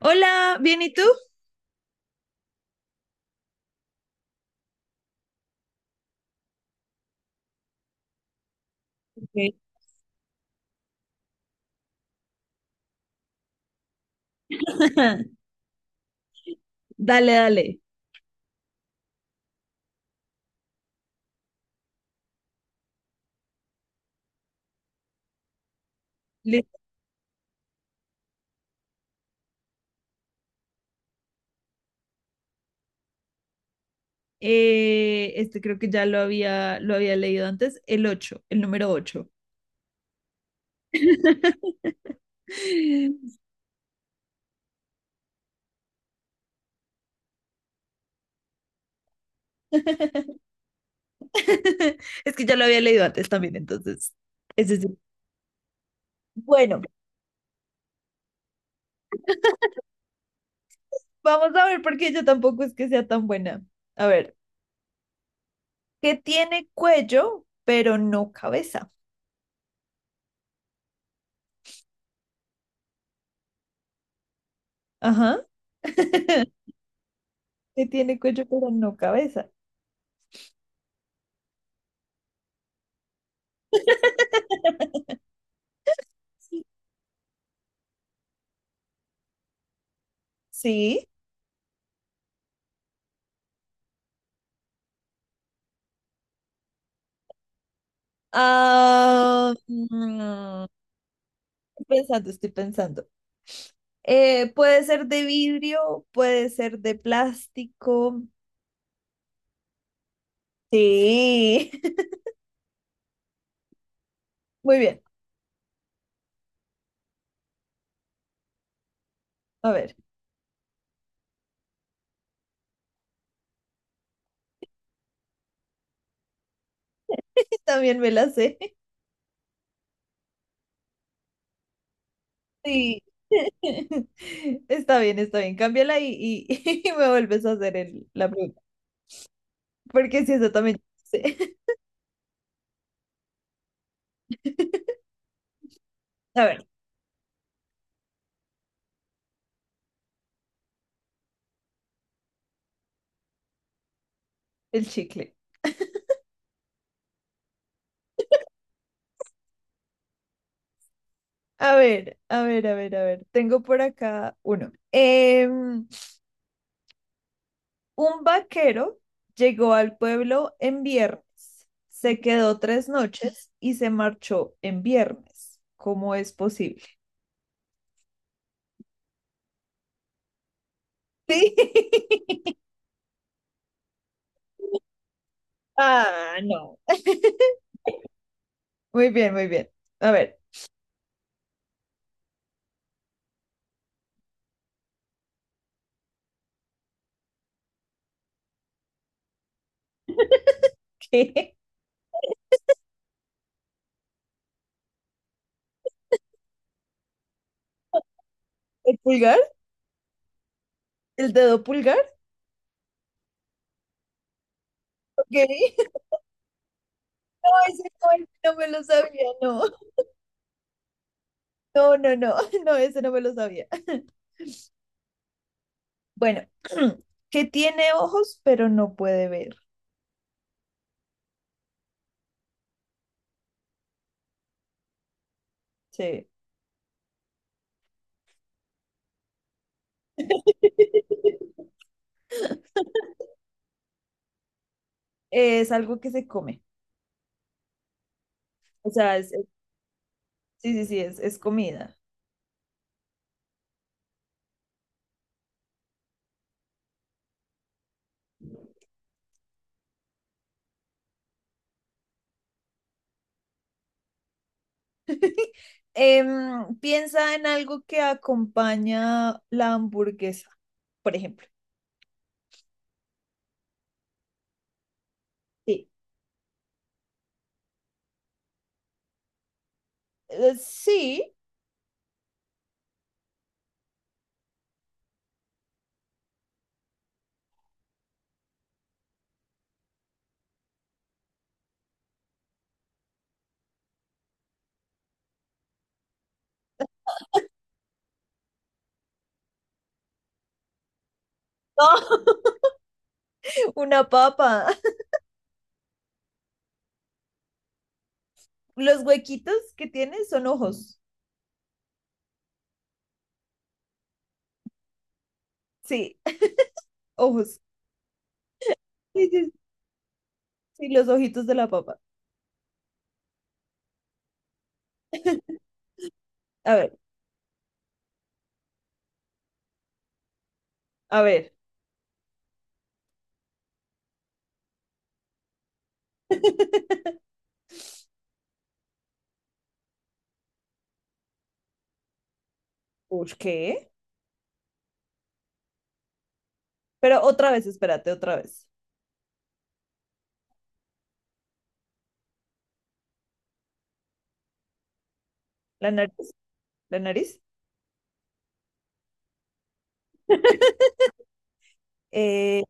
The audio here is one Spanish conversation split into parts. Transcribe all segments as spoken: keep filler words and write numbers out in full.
Hola, ¿bien y tú? Ok. Dale, dale. Listo. Eh, este creo que ya lo había, lo había leído antes, el ocho, el número ocho. Es que ya lo había leído antes también, entonces. Es decir, bueno, vamos a ver porque yo tampoco es que sea tan buena. A ver, ¿qué tiene cuello, pero no cabeza? Ajá. ¿Qué tiene cuello, pero no cabeza? Sí. Sí. Ah, mm, Estoy pensando, estoy pensando. Eh, puede ser de vidrio, puede ser de plástico. Sí. Muy bien. A ver, también me la sé. Sí. Está bien, está bien. Cámbiala y, y- y me vuelves a hacer el- la pregunta. Porque si eso también sé. A ver, el chicle. A ver, a ver, a ver, a ver. Tengo por acá uno. Em, Un vaquero llegó al pueblo en viernes, se quedó tres noches y se marchó en viernes. ¿Cómo es posible? Sí. Ah, no. Muy bien, muy bien. A ver. ¿Qué? ¿El pulgar? ¿El dedo pulgar? Ok. No, ese no, ese no me lo sabía, no. No, no, no, no, ese no me lo sabía. Bueno, que tiene ojos pero no puede ver. Sí. Es algo que se come. O sea, es, sí, sí, sí, es, es comida. Em, piensa en algo que acompaña la hamburguesa, por ejemplo. Sí. Eh, Sí, no, una papa. Los huequitos que tiene son ojos. Sí, ojos. Sí, sí, sí, los ojitos de la papa. A ver, a ver. Uy, ¿qué? Pero otra vez, espérate, otra vez. La nariz, la nariz. Eh,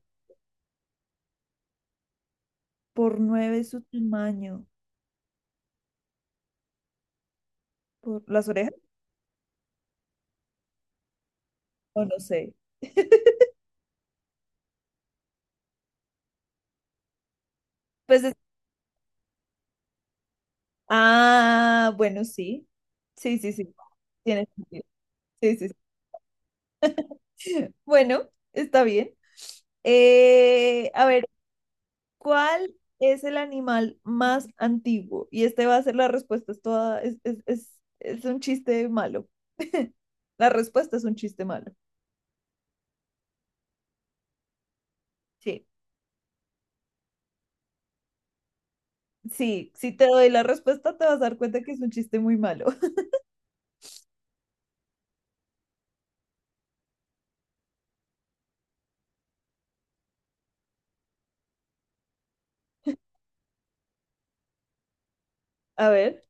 por nueve su tamaño. Por las orejas. No, no sé. Pues es, ah, bueno, sí. Sí, sí, sí. Tiene sentido. Sí, sí, sí. Bueno, está bien. Eh, a ver, ¿cuál es el animal más antiguo? Y este va a ser la respuesta. Es toda, es, es, es, es un chiste malo. La respuesta es un chiste malo. Sí. Sí, si te doy la respuesta, te vas a dar cuenta que es un chiste muy malo. A ver,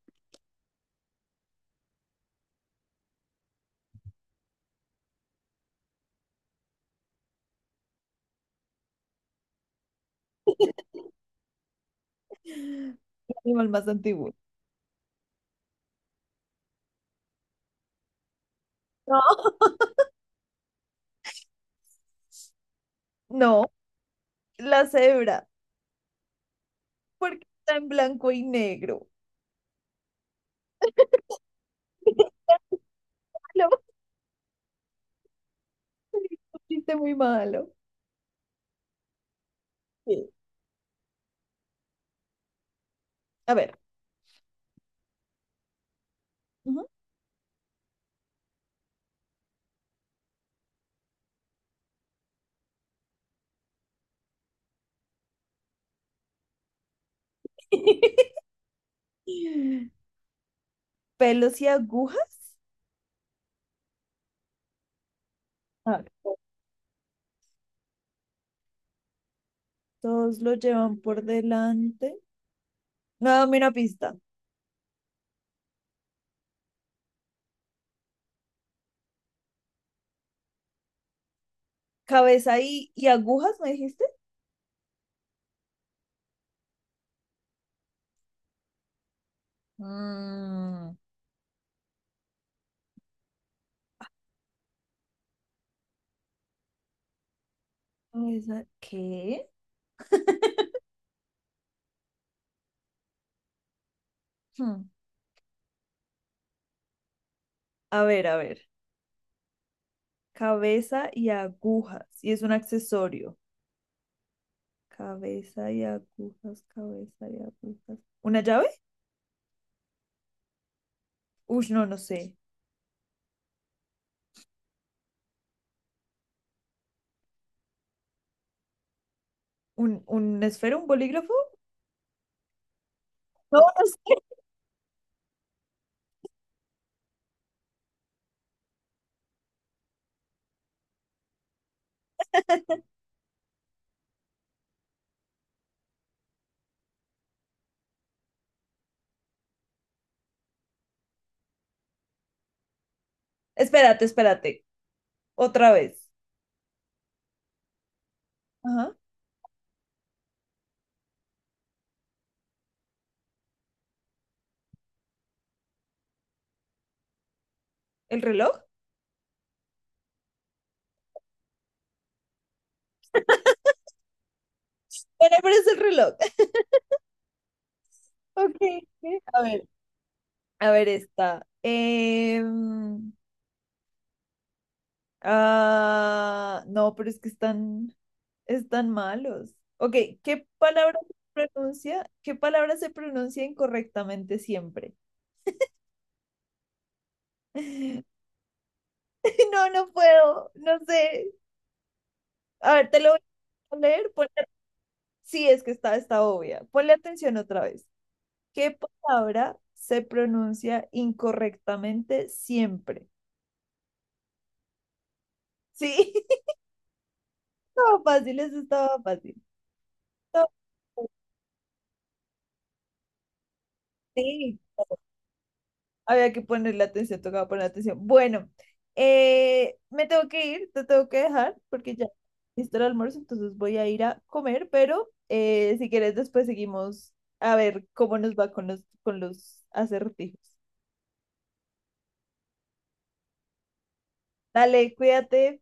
el animal más antiguo. No, no, la cebra, porque está en blanco y negro. Malo, un chiste muy malo. Sí. A ver. Ujú. Pelos y agujas. A ver. Todos lo llevan por delante. No, dame una pista. Cabeza y, y agujas, ¿me dijiste? Mm, cabeza, ¿qué? Hmm. A ver, a ver. Cabeza y agujas. Y es un accesorio. Cabeza y agujas, cabeza y agujas. ¿Una llave? Uy, no, no sé. ¿Un, un esfero, un bolígrafo? No, no sé, espérate, espérate. Otra vez. Ajá. ¿El reloj? Bueno, pero es el reloj. Ok, ok, a ver. A ver, esta. Em, ah, no, pero es que están, están malos. Ok, ¿qué palabra se pronuncia? ¿Qué palabra se pronuncia incorrectamente siempre? No, no puedo, no sé. A ver, te lo voy a leer. Ponle- sí, es que está, está obvia. Ponle atención otra vez. ¿Qué palabra se pronuncia incorrectamente siempre? Sí, estaba fácil, eso estaba fácil. Estaba- fácil. Sí, había que ponerle atención, tocaba poner atención. Bueno, eh, me tengo que ir, te tengo que dejar porque ya listo el almuerzo, entonces voy a ir a comer, pero eh, si quieres después seguimos a ver cómo nos va con los, con los acertijos. Dale, cuídate.